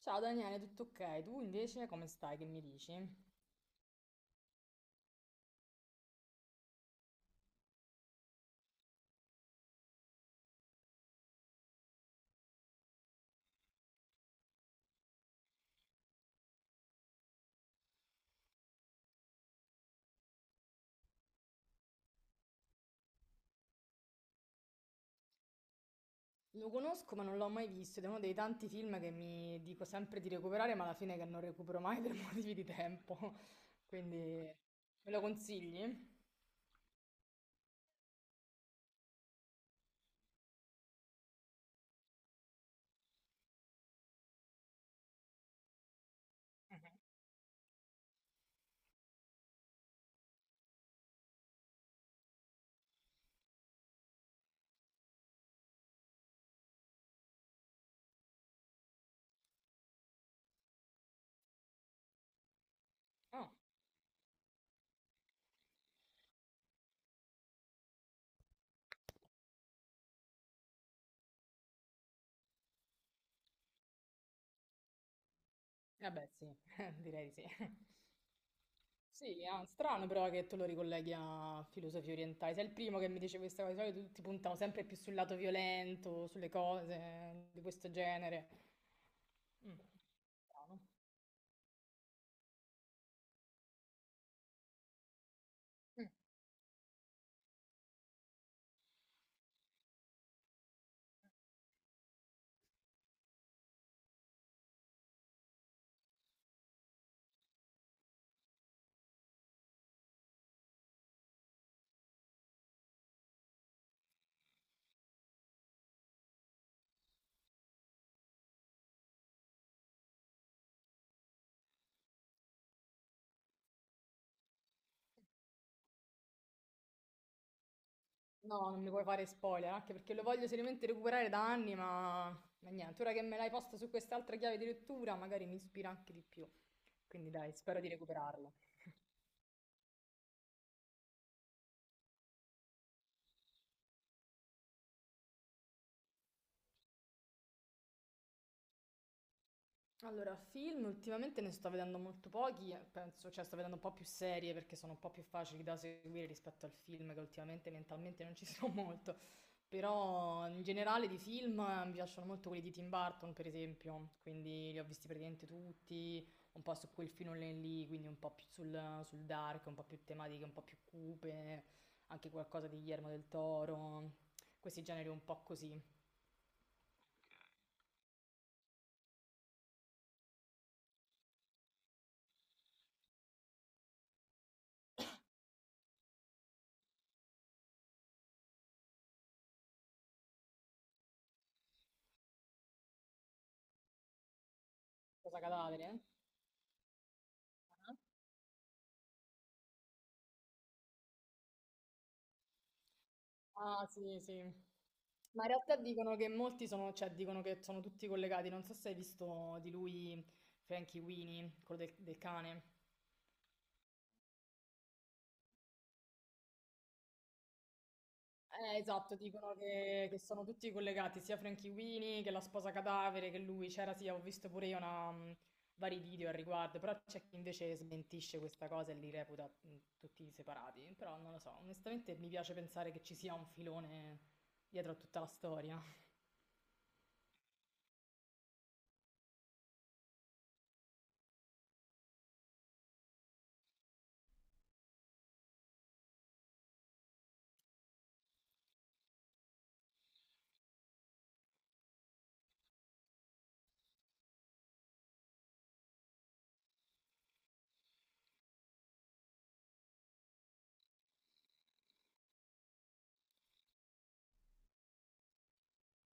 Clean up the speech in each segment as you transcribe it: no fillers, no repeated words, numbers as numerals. Ciao Daniele, tutto ok? Tu invece come stai? Che mi dici? Lo conosco ma non l'ho mai visto ed è uno dei tanti film che mi dico sempre di recuperare, ma alla fine che non recupero mai per motivi di tempo. Quindi me lo consigli? Ah, vabbè sì, direi di sì. Sì, ah, strano però che tu lo ricolleghi a filosofie orientali. Sei il primo che mi dice questa cosa, di solito tutti puntano sempre più sul lato violento, sulle cose di questo genere. Mm, strano. No, non mi puoi fare spoiler, anche perché lo voglio seriamente recuperare da anni, ma niente, ora che me l'hai posta su quest'altra chiave di lettura, magari mi ispira anche di più. Quindi dai, spero di recuperarlo. Allora, film ultimamente ne sto vedendo molto pochi, penso, cioè sto vedendo un po' più serie perché sono un po' più facili da seguire rispetto al film che ultimamente mentalmente non ci sono molto, però in generale di film mi piacciono molto quelli di Tim Burton per esempio, quindi li ho visti praticamente tutti, un po' su quel filone lì, quindi un po' più sul dark, un po' più tematiche, un po' più cupe, anche qualcosa di Guillermo del Toro, questi generi un po' così. Cosa cadavere? Ah sì, sì. Ma in realtà dicono che molti sono, cioè dicono che sono tutti collegati. Non so se hai visto di lui Frankie Weenie, quello del cane. Esatto, dicono che sono tutti collegati, sia Frankie Weenie che la sposa cadavere, che lui c'era, sì, ho visto pure io una, vari video al riguardo, però c'è chi invece smentisce questa cosa e li reputa tutti separati. Però non lo so, onestamente mi piace pensare che ci sia un filone dietro a tutta la storia.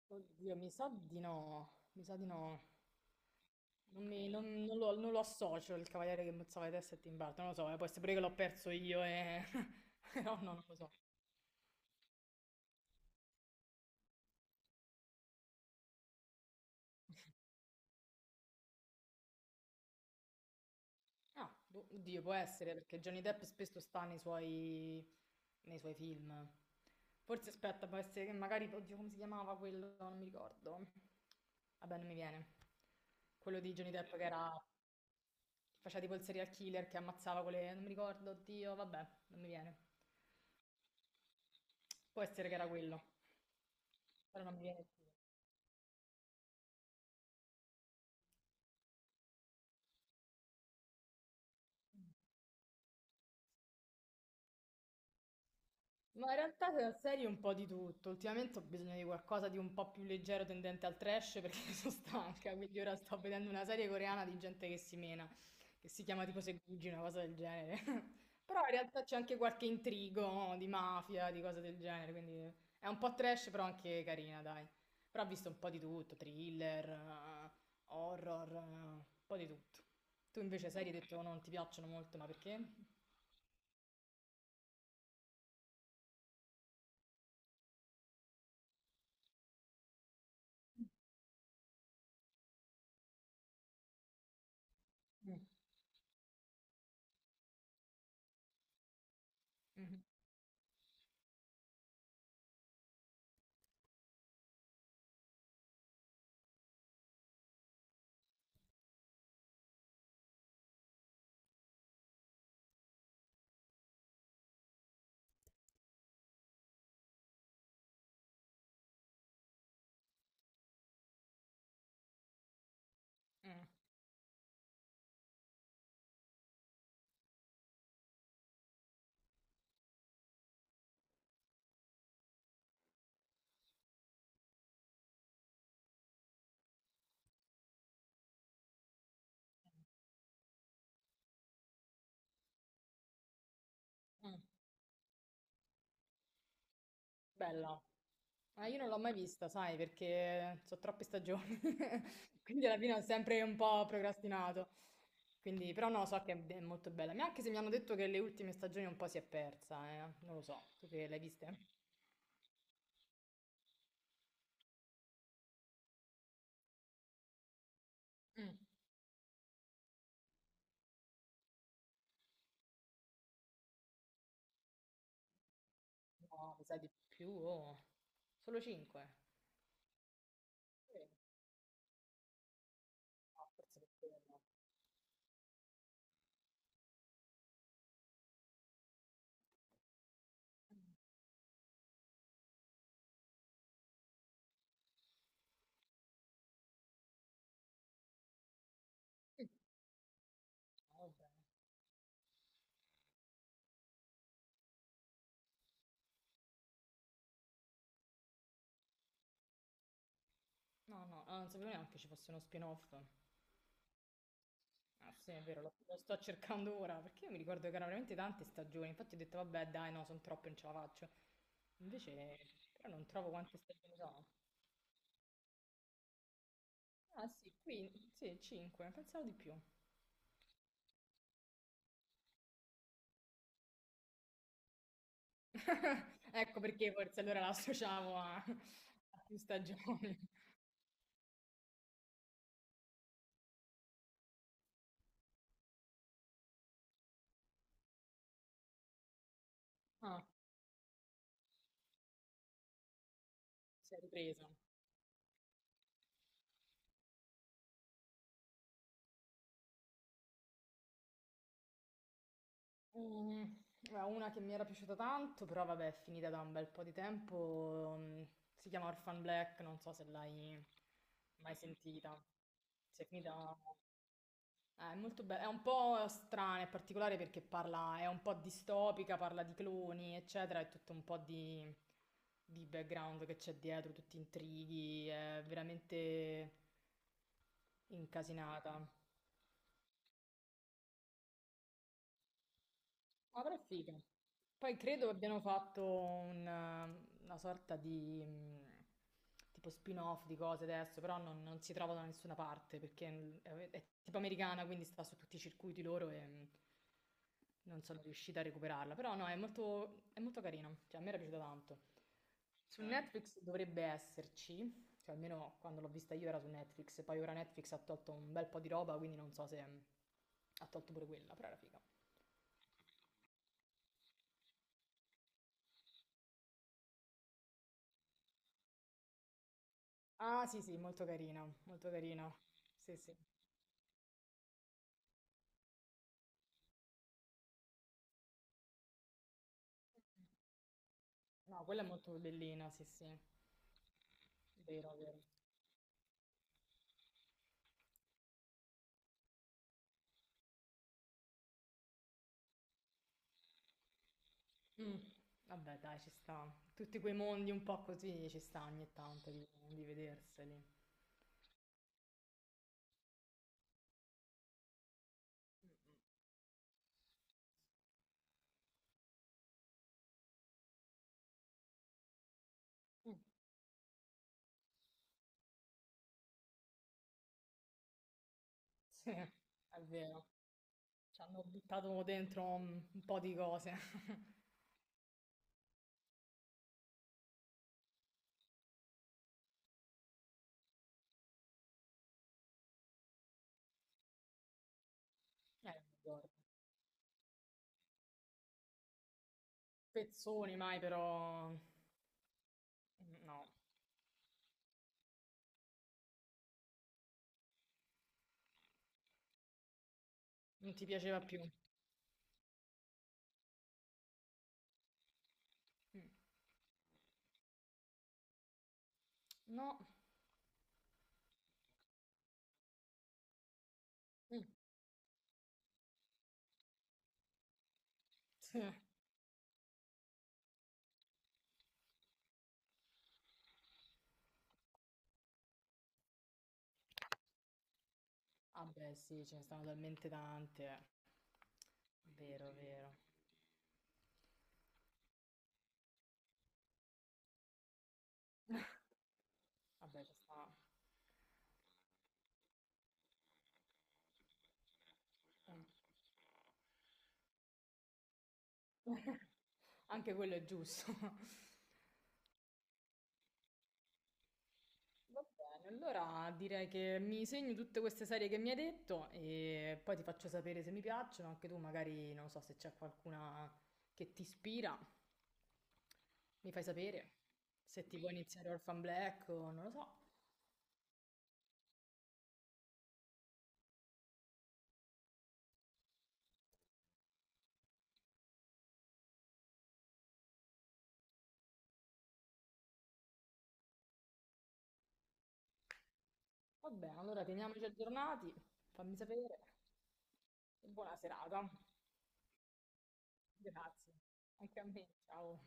Oddio, mi sa di no, mi sa di no. Non lo, non lo associo il cavaliere che mozzava le teste a Tim Burton, non lo so, può essere pure che l'ho perso io e... No, no, non lo so. Ah, boh, oddio, può essere, perché Johnny Depp spesso sta nei suoi film. Forse, aspetta, può essere che magari... Oddio, come si chiamava quello? Non mi ricordo. Vabbè, non mi viene. Quello di Johnny Depp che era... che faceva tipo il serial killer che ammazzava quelle... Non mi ricordo, oddio, vabbè, non mi viene. Può essere che era quello, però non mi viene. Ma in realtà se la serie un po' di tutto. Ultimamente ho bisogno di qualcosa di un po' più leggero tendente al trash perché sono stanca, quindi ora sto vedendo una serie coreana di gente che si mena, che si chiama tipo Segugi, una cosa del genere. Però in realtà c'è anche qualche intrigo no? Di mafia, di cose del genere, quindi è un po' trash però anche carina, dai. Però ho visto un po' di tutto, thriller, horror, un po' di tutto. Tu invece serie hai detto non ti piacciono molto, ma perché? Mm, mm, mm, mm. Bella. Ah, io non l'ho mai vista, sai, perché so troppe stagioni, quindi alla fine ho sempre un po' procrastinato. Quindi, però no, so che è molto bella. Ma anche se mi hanno detto che le ultime stagioni un po' si è persa, eh. Non lo so, tu che le hai viste? Mm. No, mi sa di più, oh. Solo 5. No, forse per quello. Mm. Ah, vabbè. No, no, ah, non sapevo neanche ci fosse uno spin-off. Ah, sì, è vero, lo sto cercando ora, perché io mi ricordo che erano veramente tante stagioni, infatti ho detto vabbè dai no, sono troppe, non ce la faccio. Invece, però non trovo quante stagioni sono. Ah sì, qui, sì, 5, pensavo di più. Ecco perché forse allora la associamo a, a più stagioni. Ah, si è ripresa. Mm, guarda, una che mi era piaciuta tanto, però vabbè, è finita da un bel po' di tempo. Mm, si chiama Orphan Black, non so se l'hai mai sentita. Si è finita. Ah, è molto bello, è un po' strana e particolare perché parla, è un po' distopica, parla di cloni, eccetera, è tutto un po' di background che c'è dietro, tutti intrighi, è veramente incasinata. Avrà figa. Poi credo abbiano fatto un, una sorta di tipo spin-off di cose adesso, però non, non si trova da nessuna parte perché è tipo americana, quindi sta su tutti i circuiti loro e non sono riuscita a recuperarla. Però no, è molto carina, cioè a me era piaciuta tanto. Su ok. Netflix dovrebbe esserci, cioè almeno quando l'ho vista io era su Netflix, poi ora Netflix ha tolto un bel po' di roba, quindi non so se ha tolto pure quella, però era figa. Ah, sì, sì, molto carina, molto carina. Sì, sì. No, quella è molto bellina, sì, sì. Vero, vero. Mm, vabbè, dai, ci sta. Tutti quei mondi un po' così ci sta ogni tanto di vederseli. Mm, sì, è vero. Ci hanno buttato dentro un po' di cose. Guarda. Pezzoni mai, però... mm, no, non ti piaceva più. Mm, no. Mm, sì. Vabbè, sì, ce ne stanno talmente tante. Vero, vero. Vabbè, ci sta. Eh. Anche quello è giusto. Va bene, allora direi che mi segno tutte queste serie che mi hai detto e poi ti faccio sapere se mi piacciono, anche tu magari non so se c'è qualcuna che ti ispira, mi fai sapere se ti vuoi iniziare Orphan Black o non lo so. Va bene, allora teniamoci aggiornati, fammi sapere e buona serata. Grazie. Anche a me, ciao.